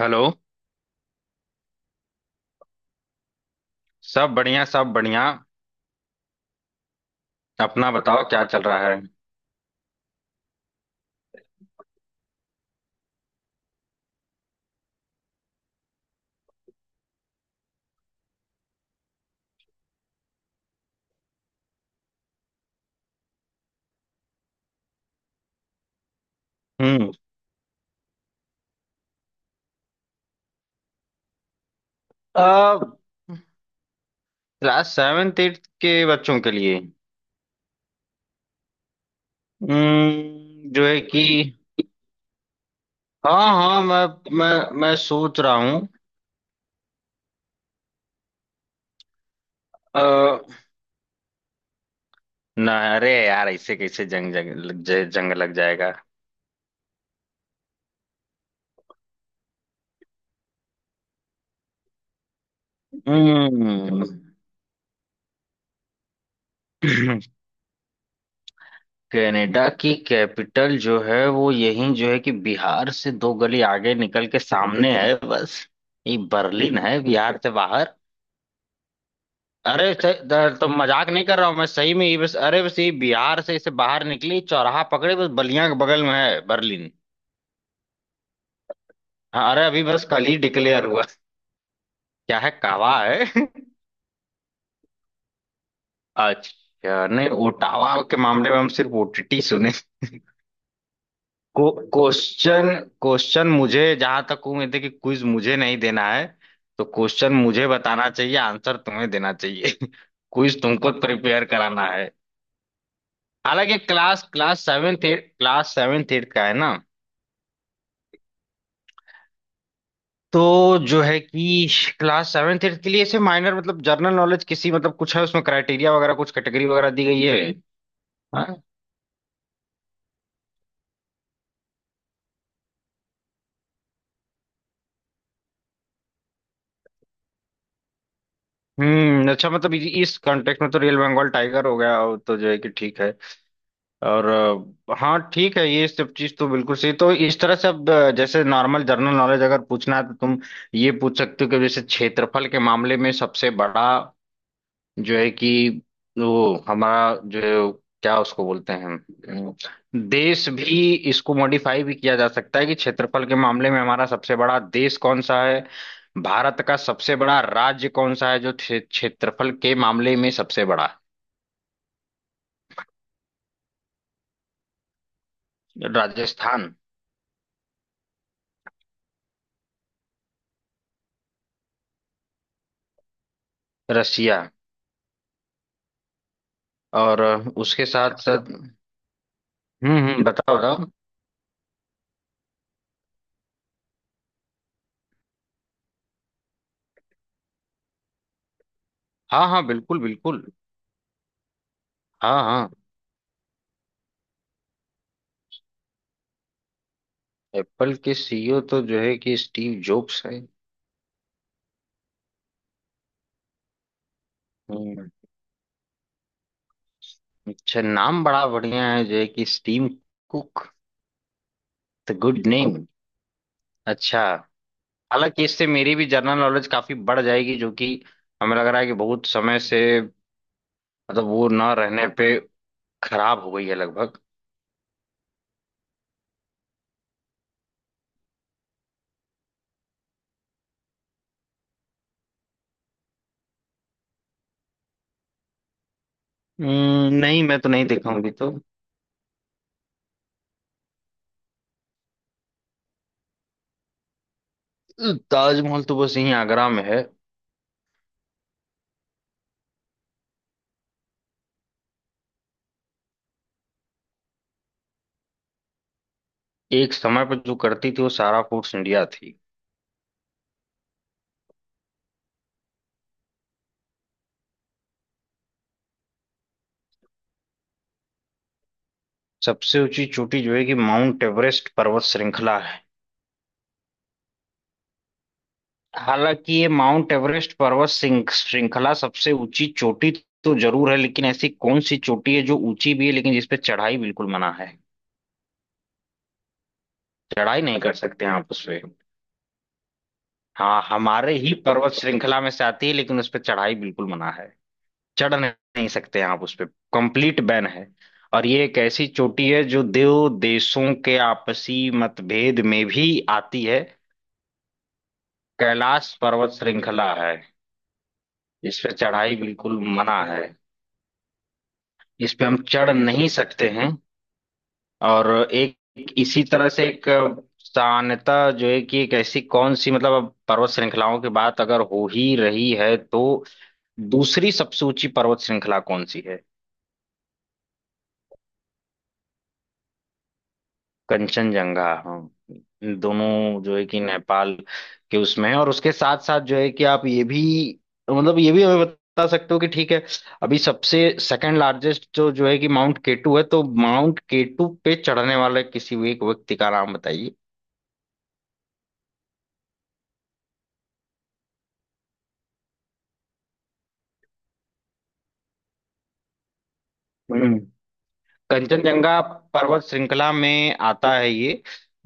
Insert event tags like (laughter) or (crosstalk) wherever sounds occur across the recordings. Hello. सब बढ़िया सब बढ़िया। अपना बताओ, क्या चल रहा है। हम्म। आ, क्लास सेवेंथ एट्थ के बच्चों के लिए। जो है कि। हाँ हाँ, मैं मैं सोच रहा हूँ। अ, ना, अरे यार, ऐसे कैसे जंग जंग लग जाए- जंग लग जाएगा। हम्म। (clears throat) कनाडा की कैपिटल जो है वो यही जो है कि बिहार से दो गली आगे निकल के सामने है बस। ये बर्लिन है बिहार से। अरे, तो मजाक नहीं कर रहा हूँ, मैं सही में ही, बस अरे बस ये बिहार से इसे बाहर निकली चौराहा पकड़े बस, बलिया के बगल में है बर्लिन। हाँ, अरे अभी बस कल ही डिक्लेयर हुआ। क्या है, कावा है। (laughs) अच्छा, नहीं ओटावा के मामले में हम सिर्फ ओटीटी सुने। को क्वेश्चन। क्वेश्चन मुझे, जहां तक उम्मीद है कि क्विज मुझे नहीं देना है, तो क्वेश्चन मुझे बताना चाहिए, आंसर तुम्हें देना चाहिए। (laughs) क्विज तुमको प्रिपेयर कराना है। हालांकि क्लास क्लास सेवेंथ एट का है ना। तो जो है कि क्लास सेवेंथ एट्थ के लिए ऐसे माइनर, मतलब जनरल नॉलेज, किसी, मतलब कुछ है उसमें क्राइटेरिया वगैरह, कुछ कैटेगरी वगैरह दी गई है। हाँ? अच्छा, मतलब इस कॉन्टेक्स्ट में तो रियल बंगाल टाइगर हो गया वो, तो जो है कि ठीक है। और हाँ ठीक है, ये सब चीज तो बिल्कुल सही, तो इस तरह से अब जैसे नॉर्मल जनरल नॉलेज अगर पूछना है तो तुम ये पूछ सकते हो कि जैसे क्षेत्रफल के मामले में सबसे बड़ा जो है कि वो हमारा जो, क्या उसको बोलते हैं, देश भी इसको मॉडिफाई भी किया जा सकता है कि क्षेत्रफल के मामले में हमारा सबसे बड़ा देश कौन सा है। भारत का सबसे बड़ा राज्य कौन सा है जो क्षेत्रफल के मामले में सबसे बड़ा है? राजस्थान। रसिया। और उसके साथ साथ। हम्म, हम्म, बताओ बताओ। हाँ हाँ बिल्कुल बिल्कुल। हाँ हाँ। एप्पल के सीईओ तो जो है कि स्टीव जॉब्स। है। अच्छा, नाम बड़ा बढ़िया है जो है कि Steam Cook. The good name. अच्छा। हालांकि इससे मेरी भी जनरल नॉलेज काफी बढ़ जाएगी जो कि हमें लग रहा है कि बहुत समय से, मतलब वो ना रहने पे खराब हो गई है लगभग। नहीं मैं तो नहीं दिखाऊंगी तो। ताजमहल तो बस यहीं आगरा में है। एक समय पर जो करती थी वो सारा फूड्स इंडिया थी। सबसे ऊंची चोटी जो है कि माउंट एवरेस्ट पर्वत श्रृंखला। हालांकि ये माउंट एवरेस्ट पर्वत श्रृंखला सबसे ऊंची चोटी तो जरूर है, लेकिन ऐसी कौन सी चोटी है जो ऊंची भी है लेकिन जिस पे चढ़ाई बिल्कुल मना है। चढ़ाई नहीं कर सकते हैं आप उस पे। हाँ, हमारे ही पर्वत श्रृंखला में से आती है लेकिन उस पे चढ़ाई बिल्कुल मना है। चढ़ नहीं नहीं सकते हैं आप उस पे। कंप्लीट बैन है। और ये एक ऐसी चोटी है जो दो देशों के आपसी मतभेद में भी आती है। कैलाश पर्वत श्रृंखला है। इस पे चढ़ाई बिल्कुल मना है। इस पे हम चढ़ नहीं सकते हैं। और एक एक इसी तरह से एक सान्यता जो है कि एक ऐसी कौन सी, मतलब अब पर्वत श्रृंखलाओं की बात अगर हो ही रही है तो दूसरी सबसे ऊंची पर्वत श्रृंखला कौन सी है। कंचनजंगा। हाँ। दोनों जो है कि नेपाल के उसमें है और उसके साथ साथ जो है कि आप ये भी, मतलब ये भी हमें बता सकते हो कि ठीक है, अभी सबसे सेकंड लार्जेस्ट जो जो है कि माउंट केटू है तो माउंट केटू पे चढ़ने वाले किसी भी एक व्यक्ति का नाम बताइए। हम्म। कंचनजंगा पर्वत श्रृंखला में आता है ये,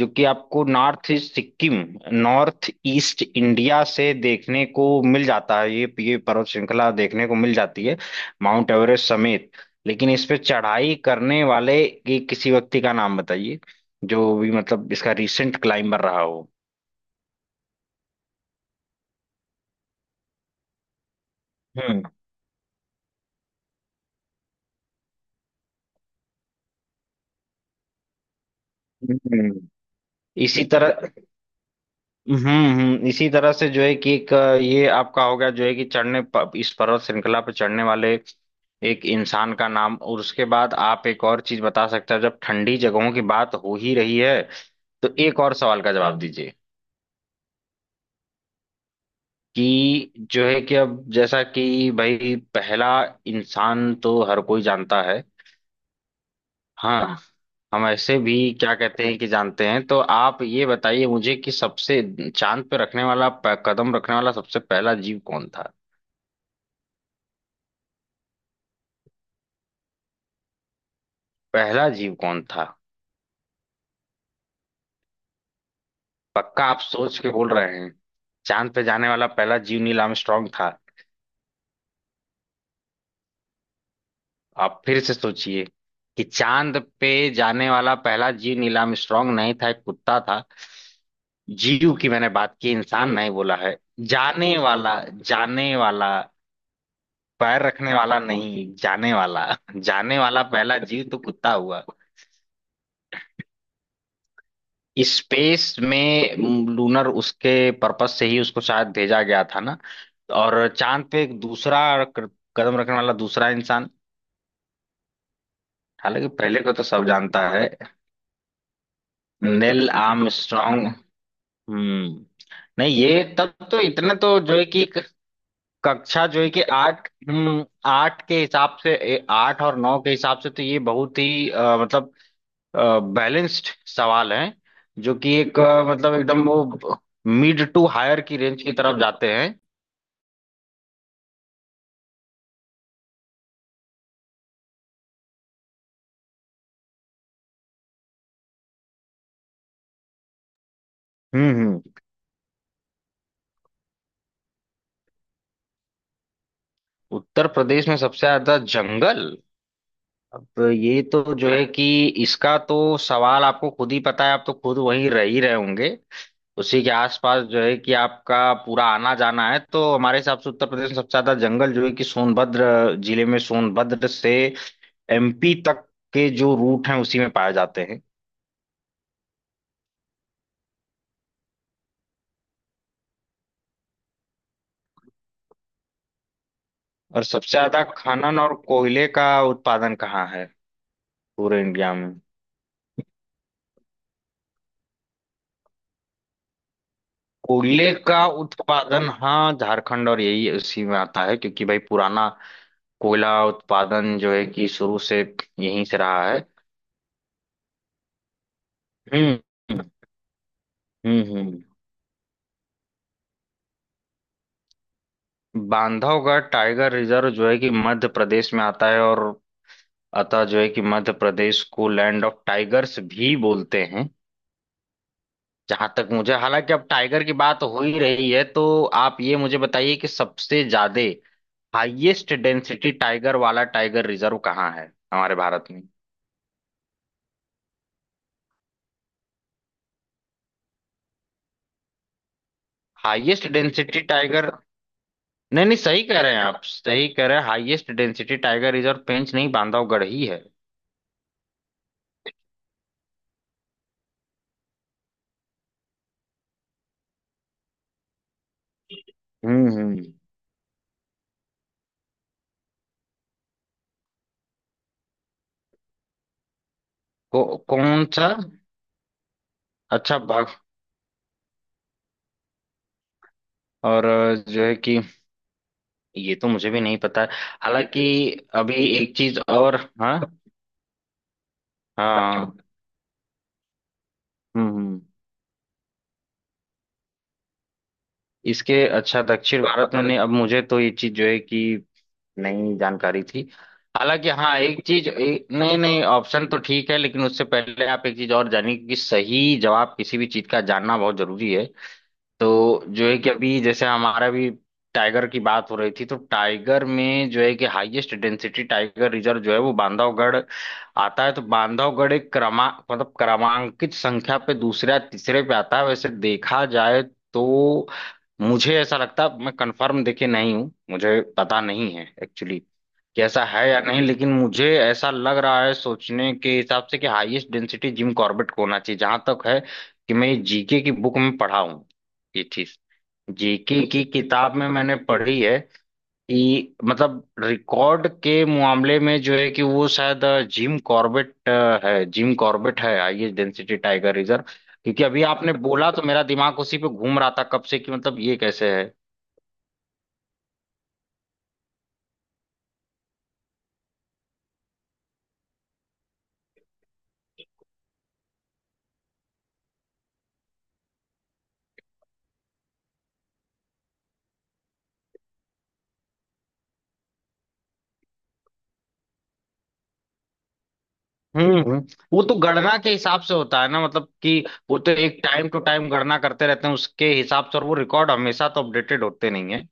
जो कि आपको north east Sikkim north east India से देखने को मिल जाता है, ये पर्वत श्रृंखला देखने को मिल जाती है, माउंट एवरेस्ट समेत। लेकिन इस पे चढ़ाई करने वाले की किसी व्यक्ति का नाम बताइए, जो भी मतलब इसका रिसेंट क्लाइंबर रहा हो। हम्म हम्म। इसी तरह। हम्म इसी तरह से जो है कि एक ये आपका हो गया जो है कि चढ़ने इस पर्वत श्रृंखला पर चढ़ने वाले एक इंसान का नाम, और उसके बाद आप एक और चीज बता सकते हैं जब ठंडी जगहों की बात हो ही रही है। तो एक और सवाल का जवाब दीजिए कि जो है कि अब जैसा कि भाई पहला इंसान तो हर कोई जानता है। हाँ। हम ऐसे भी क्या कहते हैं कि जानते हैं, तो आप ये बताइए मुझे कि सबसे चांद पे रखने वाला कदम रखने वाला सबसे पहला जीव कौन था। पहला जीव कौन था। पक्का आप सोच के बोल रहे हैं चांद पे जाने वाला पहला जीव नील आर्मस्ट्रांग था? आप फिर से सोचिए कि चांद पे जाने वाला पहला जीव नील आर्मस्ट्रांग नहीं था, एक कुत्ता था। जीव की मैंने बात की, इंसान नहीं बोला है। जाने वाला, जाने वाला। पैर रखने वाला नहीं, जाने वाला। जाने वाला पहला जीव तो कुत्ता हुआ। स्पेस में। लूनर उसके पर्पस से ही उसको शायद भेजा गया था ना। और चांद पे एक दूसरा कदम रखने वाला दूसरा इंसान। हालांकि पहले को तो सब जानता है, नील आर्मस्ट्रांग। हम्म। नहीं, ये तब तो इतने तो जो है कि एक कक्षा जो है कि आठ। हम्म। आठ के हिसाब से आठ और नौ के हिसाब से तो ये बहुत ही मतलब बैलेंस्ड सवाल हैं। जो कि एक मतलब एकदम वो मिड टू हायर की रेंज की तरफ जाते हैं। हम्म। उत्तर प्रदेश में सबसे ज्यादा जंगल, अब ये तो जो है कि इसका तो सवाल आपको खुद ही पता है। आप तो खुद वहीं रह ही रहे होंगे उसी के आसपास, जो है कि आपका पूरा आना जाना है, तो हमारे हिसाब से उत्तर प्रदेश में सबसे ज्यादा जंगल जो है कि सोनभद्र जिले में, सोनभद्र से एमपी तक के जो रूट हैं उसी में पाए जाते हैं। और सबसे ज्यादा खनन और कोयले का उत्पादन कहाँ है पूरे इंडिया में? कोयले का उत्पादन, हाँ झारखंड, और यही उसी में आता है क्योंकि भाई पुराना कोयला उत्पादन जो है कि शुरू से यहीं से रहा है। हम्म हम्म। बांधवगढ़ टाइगर रिजर्व जो है कि मध्य प्रदेश में आता है, और अतः जो है कि मध्य प्रदेश को लैंड ऑफ टाइगर्स भी बोलते हैं। जहां तक मुझे, हालांकि अब टाइगर की बात हो ही रही है, तो आप ये मुझे बताइए कि सबसे ज्यादा हाईएस्ट डेंसिटी टाइगर वाला टाइगर रिजर्व कहाँ है हमारे भारत में। Highest density tiger. नहीं नहीं, सही कह रहे हैं आप, सही कह रहे हैं, highest density tiger reserve Pench नहीं, बांधवगढ़ ही है। हम्म। को, कौन सा। अच्छा भाग। और जो है कि ये तो मुझे भी नहीं पता है। हालांकि। अभी एक चीज और। हाँ। हाँ। हम्म हम्म। इसके, अच्छा दक्षिण भारत में नहीं, अब मुझे तो ये चीज जो है कि नहीं जानकारी थी। हालांकि हाँ एक चीज नहीं नहीं, ऑप्शन तो ठीक है, लेकिन उससे पहले आप एक चीज और जानिए कि सही जवाब किसी भी चीज का जानना बहुत जरूरी है। तो जो है कि अभी जैसे हमारा भी टाइगर की बात हो रही थी तो टाइगर में जो है कि हाईएस्ट डेंसिटी टाइगर रिजर्व जो है वो बांधवगढ़ आता है। तो बांधवगढ़ एक क्रमांकित संख्या पे दूसरा तीसरे पे आता है वैसे देखा जाए। तो मुझे ऐसा लगता है, मैं कंफर्म देखे नहीं हूँ, मुझे पता नहीं है एक्चुअली कि ऐसा है या नहीं, लेकिन मुझे ऐसा लग रहा है सोचने के हिसाब से कि हाईएस्ट डेंसिटी जिम कॉर्बेट को होना चाहिए, जहां तक है कि मैं जीके की बुक में पढ़ा हूं ये चीज। जीके की किताब में मैंने पढ़ी है कि मतलब रिकॉर्ड के मामले में जो है कि वो शायद जिम कॉर्बेट है। जिम कॉर्बेट है हाईएस्ट डेंसिटी टाइगर रिजर्व, क्योंकि अभी आपने बोला तो मेरा दिमाग उसी पे घूम रहा था कब से कि मतलब ये कैसे है। हम्म हम्म। वो तो गणना के हिसाब से होता है ना, मतलब कि वो तो एक टाइम टू टाइम गणना करते रहते हैं उसके हिसाब से, और वो रिकॉर्ड हमेशा तो अपडेटेड होते नहीं है।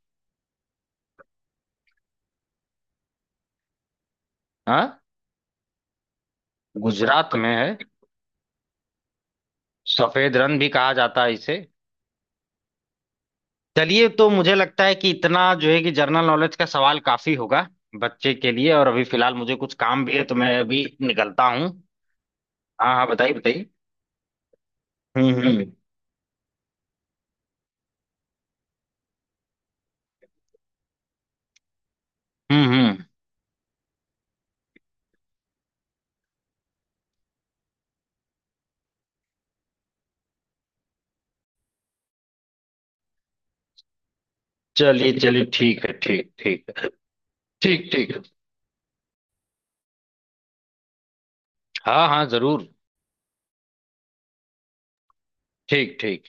हाँ। गुजरात में है। सफेद रण भी कहा जाता है इसे। चलिए तो मुझे लगता है कि इतना जो है कि जनरल नॉलेज का सवाल काफी होगा बच्चे के लिए, और अभी फिलहाल मुझे कुछ काम भी है, तो मैं अभी निकलता हूँ। हाँ हाँ बताइए बताइए। हम्म हम्म हम्म। चलिए चलिए ठीक है, ठीक ठीक है। ठीक ठीक। हाँ हाँ जरूर। ठीक ठीक।